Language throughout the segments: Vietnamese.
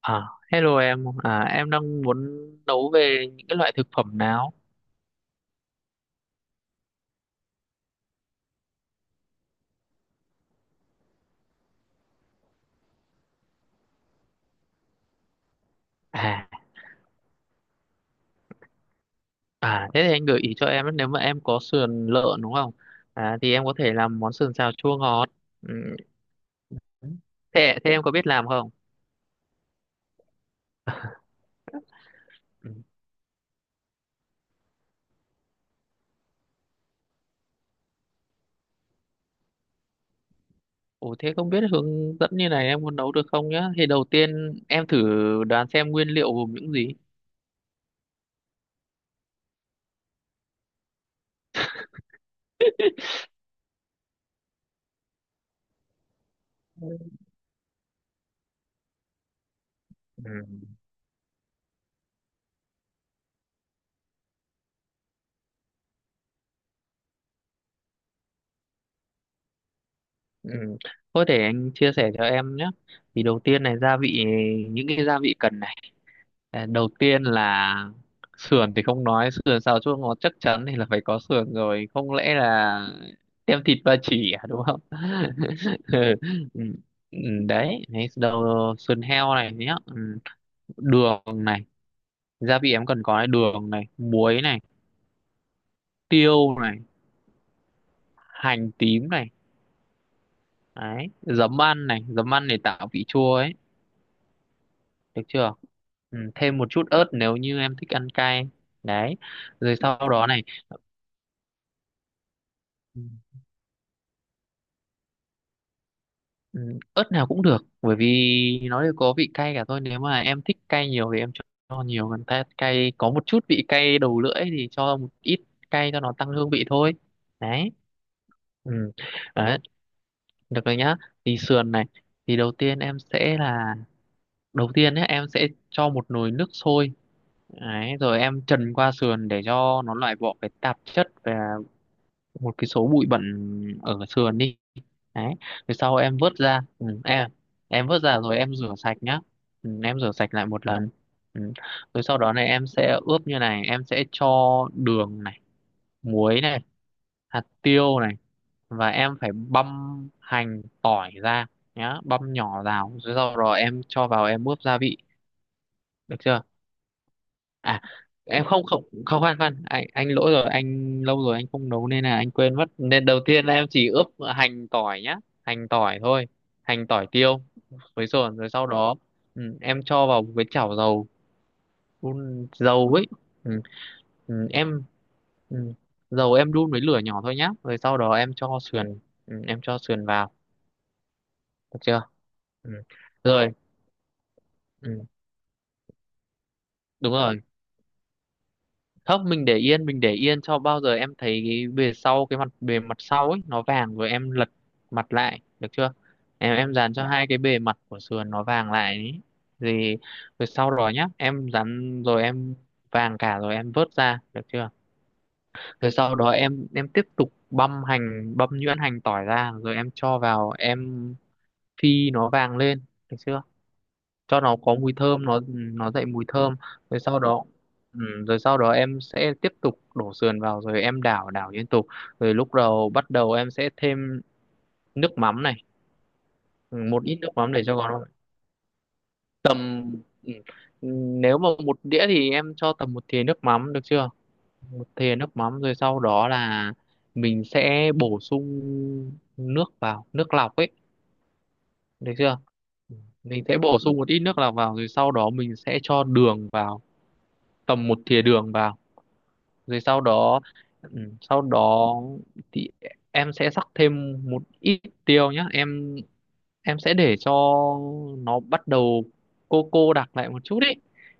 À, hello em, em đang muốn nấu về những cái loại thực phẩm nào? À, à, thế thì anh gợi ý cho em ấy, nếu mà em có sườn lợn đúng không? À, thì em có thể làm món sườn xào chua ngọt. Ừ, thế em có biết làm không? Ừ. Ủa thế không biết hướng dẫn như này em muốn nấu được không nhá? Thì đầu tiên em thử đoán xem nguyên liệu gồm những gì. Ừ. Ừ. Thôi để anh chia sẻ cho em nhé. Thì đầu tiên này, gia vị những cái gia vị cần. Đầu tiên là sườn, thì không nói sườn xào chua ngọt chắc chắn thì là phải có sườn rồi, không lẽ là tem thịt ba chỉ à, đúng không? Ừ. Ừ, ừ, đấy đấy sườn heo này nhé, ừ. Đường này, gia vị em cần có này: đường này, muối này, tiêu này, hành tím này. Đấy, giấm ăn này, giấm ăn để tạo vị chua ấy, được chưa? Ừ. Thêm một chút ớt nếu như em thích ăn cay. Đấy, rồi sau đó này. Ừ, ớt nào cũng được, bởi vì nó đều có vị cay cả thôi. Nếu mà em thích cay nhiều thì em cho nhiều, còn ta cay có một chút vị cay đầu lưỡi thì cho một ít, cay cho nó tăng hương vị thôi. Đấy, ừ. Đấy, được rồi nhá. Thì sườn này, thì đầu tiên em sẽ là đầu tiên nhé, em sẽ cho một nồi nước sôi. Đấy, rồi em trần qua sườn để cho nó loại bỏ cái tạp chất và một cái số bụi bẩn ở sườn đi, đấy. Rồi sau em vớt ra ừ, em à, em vớt ra rồi em rửa sạch nhá. Em rửa sạch lại một lần. Ừ. Rồi sau đó này em sẽ ướp như này, em sẽ cho đường này, muối này, hạt tiêu này, và em phải băm hành tỏi ra nhá, băm nhỏ vào, rồi sau đó em cho vào em ướp gia vị, được chưa? À em, không không không, khoan khoan, anh lỗi rồi, anh lâu rồi anh không nấu nên là anh quên mất, nên đầu tiên em chỉ ướp hành tỏi nhá, hành tỏi thôi, hành tỏi tiêu với sườn, rồi sau đó em cho vào một cái chảo dầu, đun dầu ấy. ừ, ừ, em ừ, Dầu em đun với lửa nhỏ thôi nhá, rồi sau đó em cho sườn, em cho sườn vào, được chưa? Ừ. Rồi, ừ, đúng rồi. Không, mình để yên, mình để yên cho bao giờ em thấy cái mặt bề mặt sau ấy nó vàng rồi em lật mặt lại, được chưa? Em dán cho hai cái bề mặt của sườn nó vàng lại ấy. Thì rồi sau đó nhá, em dán rồi em vàng cả rồi em vớt ra, được chưa? Rồi sau đó em tiếp tục băm hành, băm nhuyễn hành tỏi ra rồi em cho vào em phi nó vàng lên, được chưa? Cho nó có mùi thơm, nó dậy mùi thơm. rồi sau đó ừ, Rồi sau đó em sẽ tiếp tục đổ sườn vào, rồi em đảo đảo liên tục. Rồi lúc đầu bắt đầu em sẽ thêm nước mắm này. Ừ, Một ít nước mắm để cho nó, tầm ừ, nếu mà một đĩa thì em cho tầm một thìa nước mắm, được chưa? Một thìa nước mắm, rồi sau đó là mình sẽ bổ sung nước vào, nước lọc ấy, được chưa? Ừ. Mình sẽ bổ sung một ít nước lọc vào rồi sau đó mình sẽ cho đường vào, tầm một thìa đường vào, rồi sau đó. ừ, sau đó thì em sẽ rắc thêm một ít tiêu nhá, em sẽ để cho nó bắt đầu cô đặc lại một chút ấy.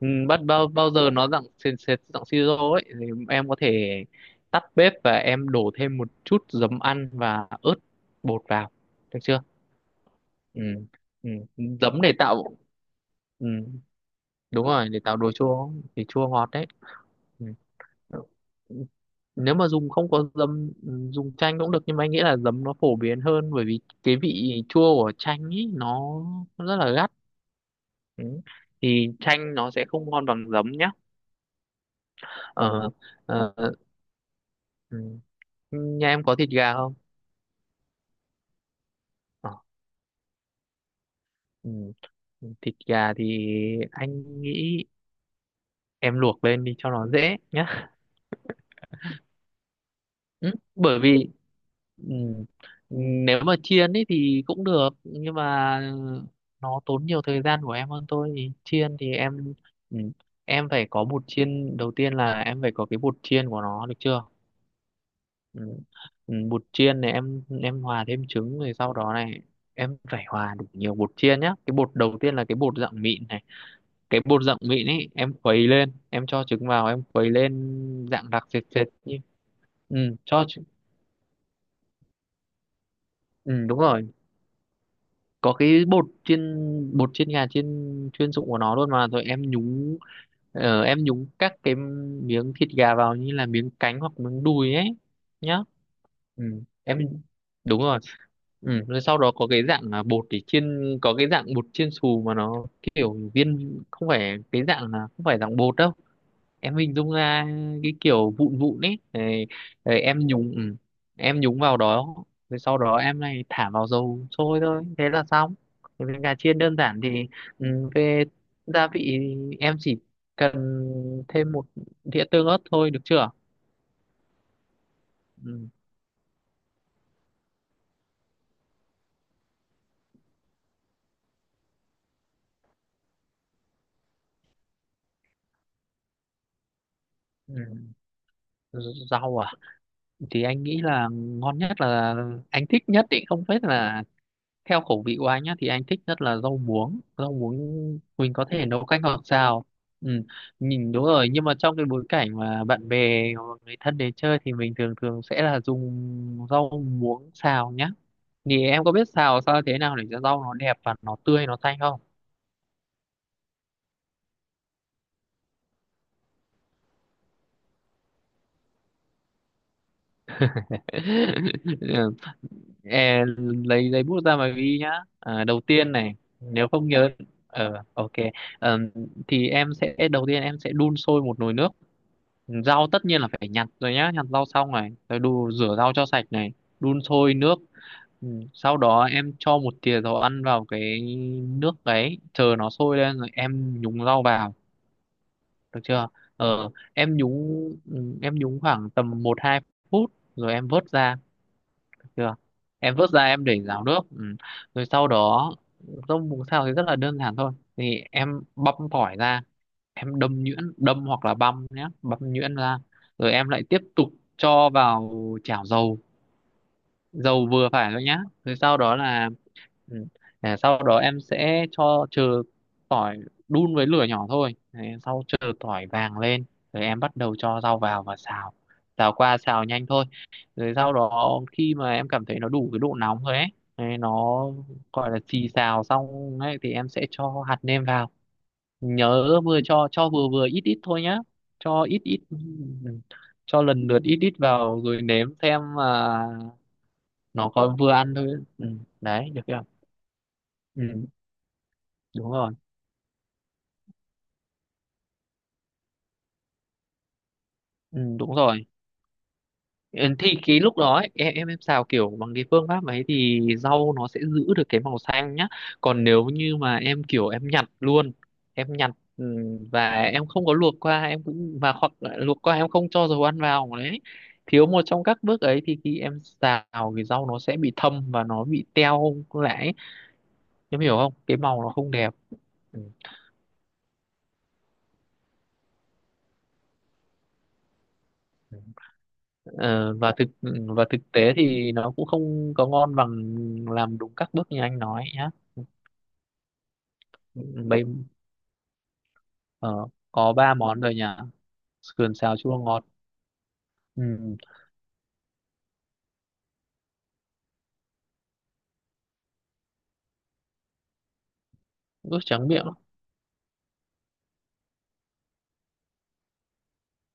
Ừ, bắt Bao bao giờ nó dạng sệt sệt, dạng siro ấy thì em có thể tắt bếp và em đổ thêm một chút giấm ăn và ớt bột vào, được chưa? Ừ. Ừ. Giấm để tạo, ừ. Đúng rồi, để tạo đồ chua, thì chua ngọt đấy. Ừ. Nếu mà dùng không có dấm, dùng chanh cũng được, nhưng mà anh nghĩ là dấm nó phổ biến hơn, bởi vì cái vị chua của chanh ý nó rất là gắt. Ừ. Thì chanh nó sẽ không ngon bằng dấm nhá. ờ, ờ, ừ. Nhà em có thịt gà không? ờ, ừ. Thịt gà thì anh nghĩ em luộc lên đi cho nó dễ nhá. Ừ, bởi vì, ừ, nếu mà chiên ấy thì cũng được, nhưng mà nó tốn nhiều thời gian của em hơn thôi. Thì chiên thì em, ừ, em phải có bột chiên, đầu tiên là em phải có cái bột chiên của nó, được chưa? Ừ. Ừ, bột chiên này em hòa thêm trứng, rồi sau đó này em phải hòa đủ nhiều bột chiên nhá, cái bột đầu tiên là cái bột dạng mịn này, cái bột dạng mịn ấy em khuấy lên, em cho trứng vào, em khuấy lên dạng đặc sệt sệt như, ừ, cho trứng- ừ, đúng rồi, có cái bột chiên, bột chiên gà chiên chuyên dụng của nó luôn mà, rồi em nhúng. Em nhúng các cái miếng thịt gà vào như là miếng cánh hoặc miếng đùi ấy nhá. Ừ. Em đúng rồi. Ừ. Rồi sau đó có cái dạng là bột để chiên, có cái dạng bột chiên xù mà nó kiểu viên, không phải cái dạng là không phải dạng bột đâu, em hình dung ra cái kiểu vụn vụn ấy. Đấy, đấy, em nhúng vào đó, rồi sau đó em này thả vào dầu sôi thôi, thế là xong. Thì với gà chiên đơn giản thì, về gia vị em chỉ cần thêm một đĩa tương ớt thôi, được chưa? Ừ. Ừ. Rau à? Thì anh nghĩ là ngon nhất là anh thích nhất ý, không biết là theo khẩu vị của anh nhá, thì anh thích nhất là rau muống, rau muống mình có thể nấu canh hoặc xào. ừ, Nhìn đúng rồi, nhưng mà trong cái bối cảnh mà bạn bè hoặc người thân đến chơi thì mình thường thường sẽ là dùng rau muống xào nhá. Thì em có biết xào thế nào để cho rau nó đẹp và nó tươi, nó xanh không? Ừ, lấy giấy bút ra mà ghi nhá. À, đầu tiên này, nếu không nhớ. Ok. Ờm, thì em sẽ đầu tiên em sẽ đun sôi một nồi nước. Rau tất nhiên là phải nhặt rồi nhá, nhặt rau xong này, rồi rửa rau cho sạch này, đun sôi nước. Ừ. Sau đó em cho một thìa dầu ăn vào cái nước đấy, chờ nó sôi lên rồi em nhúng rau vào, được chưa? ờ em nhúng em nhúng khoảng tầm một hai phút rồi em vớt ra, được chưa? Em vớt ra, em để ráo nước. Ừ. Rồi sau đó rau muống xào thì rất là đơn giản thôi, thì em băm tỏi ra, em đâm nhuyễn đâm hoặc là băm nhé, băm nhuyễn ra, rồi em lại tiếp tục cho vào chảo dầu, dầu vừa phải thôi nhá, rồi sau đó là. ừ, Sau đó em sẽ chờ tỏi, đun với lửa nhỏ thôi. Đấy, sau chờ tỏi vàng lên rồi em bắt đầu cho rau vào và xào, xào qua, xào nhanh thôi. Rồi sau đó khi mà em cảm thấy nó đủ cái độ nóng rồi ấy, đấy, nó gọi là xì xào xong ấy, thì em sẽ cho hạt nêm vào. Nhớ vừa cho vừa vừa ít ít thôi nhá, cho ít ít, cho lần lượt ít ít vào rồi nếm xem mà nó có vừa ăn thôi. Ừ. Đấy, được chưa? Ừ. Đúng rồi. Ừ, Đúng rồi. Ừ, thì cái lúc đó ấy, em xào kiểu bằng cái phương pháp ấy thì rau nó sẽ giữ được cái màu xanh nhá. Còn nếu như mà em kiểu em nhặt luôn em nhặt, ừ, và em không có luộc qua, em cũng và hoặc là luộc qua em không cho dầu ăn vào đấy, thiếu một trong các bước ấy thì khi em xào thì rau nó sẽ bị thâm và nó bị teo lại ấy. Em hiểu không? Cái màu nó không đẹp. Ừ. Ừ. Và thực tế thì nó cũng không có ngon bằng làm đúng các bước như anh nói nhá. bây ờ, có ba món rồi nhỉ: sườn xào chua ngọt. Ừ. Ướp tráng miệng.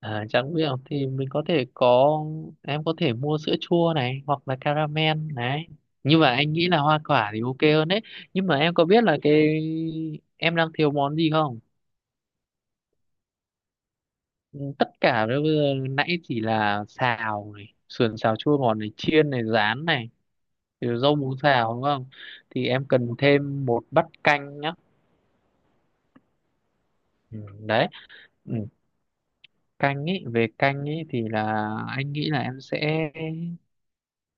À, tráng miệng thì mình có thể có em có thể mua sữa chua này, hoặc là caramel này, nhưng mà anh nghĩ là hoa quả thì ok hơn đấy. Nhưng mà em có biết là cái em đang thiếu món gì không? Ừ, tất cả bây giờ nãy chỉ là xào này, sườn xào chua ngọt này, chiên này, rán này, rồi rau muống xào đúng không? Thì em cần thêm một bát canh nhá. Ừ, đấy. Ừ, canh ý thì là, anh nghĩ là em sẽ,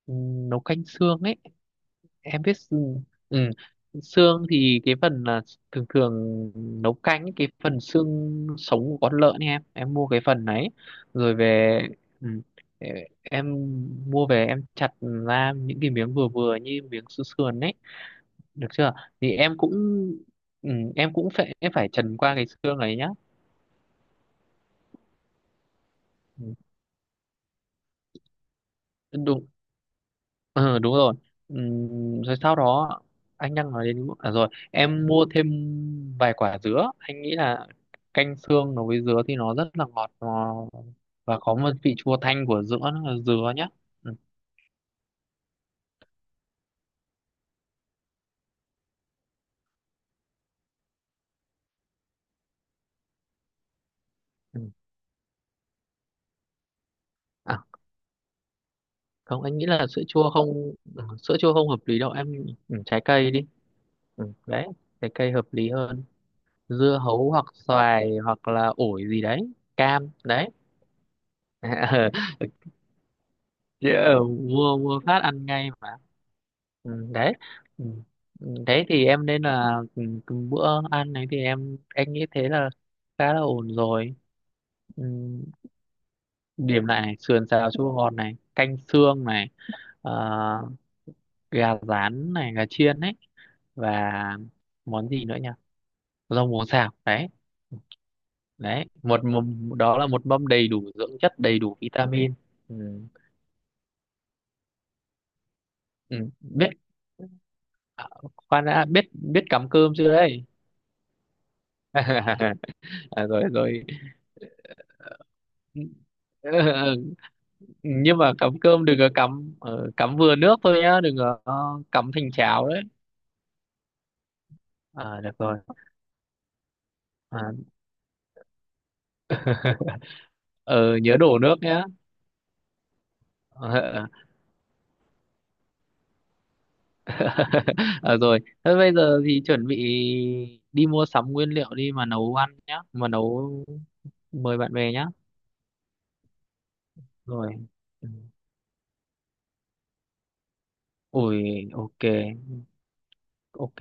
ừ, nấu canh xương ấy. em biết xương- ừ. Xương thì cái phần là thường thường nấu canh ý, cái phần xương sống của con lợn ấy, em mua cái phần đấy, rồi về, ừ, ờ, em mua về em chặt ra những cái miếng vừa vừa như miếng xương sườn ấy, được chưa? Thì em cũng, ừ, em cũng phải em phải trần qua cái xương ấy nhá. Ừ. Đúng Ừ, đúng rồi. Rồi sau đó anh đang nói đến, à rồi em mua thêm vài quả dứa. Anh nghĩ là canh xương nó với dứa thì nó rất là ngọt nó, và có một vị chua thanh của dứa, dứa nhé. Ừ. Ừ. À không, anh nghĩ là sữa chua không hợp lý đâu em. Trái cây đi. Ừ, đấy, trái cây hợp lý hơn. Dưa hấu hoặc xoài hoặc là ổi gì đấy, cam đấy. Ờ, chứ, mua mua phát ăn ngay. Ừ, đấy, ừ. Đấy thì em nên là, từng bữa ăn này thì anh nghĩ thế là khá là ổn rồi. Ừ. Điểm lại này: sườn xào chua ngọt này, canh xương này, ờ, gà rán này, gà chiên ấy, và món gì nữa nhỉ, rau muống xào đấy. Đấy một mâm, đó là một mâm đầy đủ dưỡng chất, đầy đủ vitamin. Ừ. Ừ. À, Khoan đã, biết biết cắm cơm chưa đấy? À, rồi rồi. Ừ, nhưng mà cắm cơm đừng có cắm vừa nước thôi nhá, đừng có cắm thành cháo đấy. À, được rồi. à, ờ, Nhớ đổ nước nhá. Ờ, ờ, rồi thế bây giờ thì chuẩn bị đi mua sắm nguyên liệu đi mà nấu ăn nhá, mà nấu mời bạn bè nhá, rồi. Ừ. Ui, ok ok.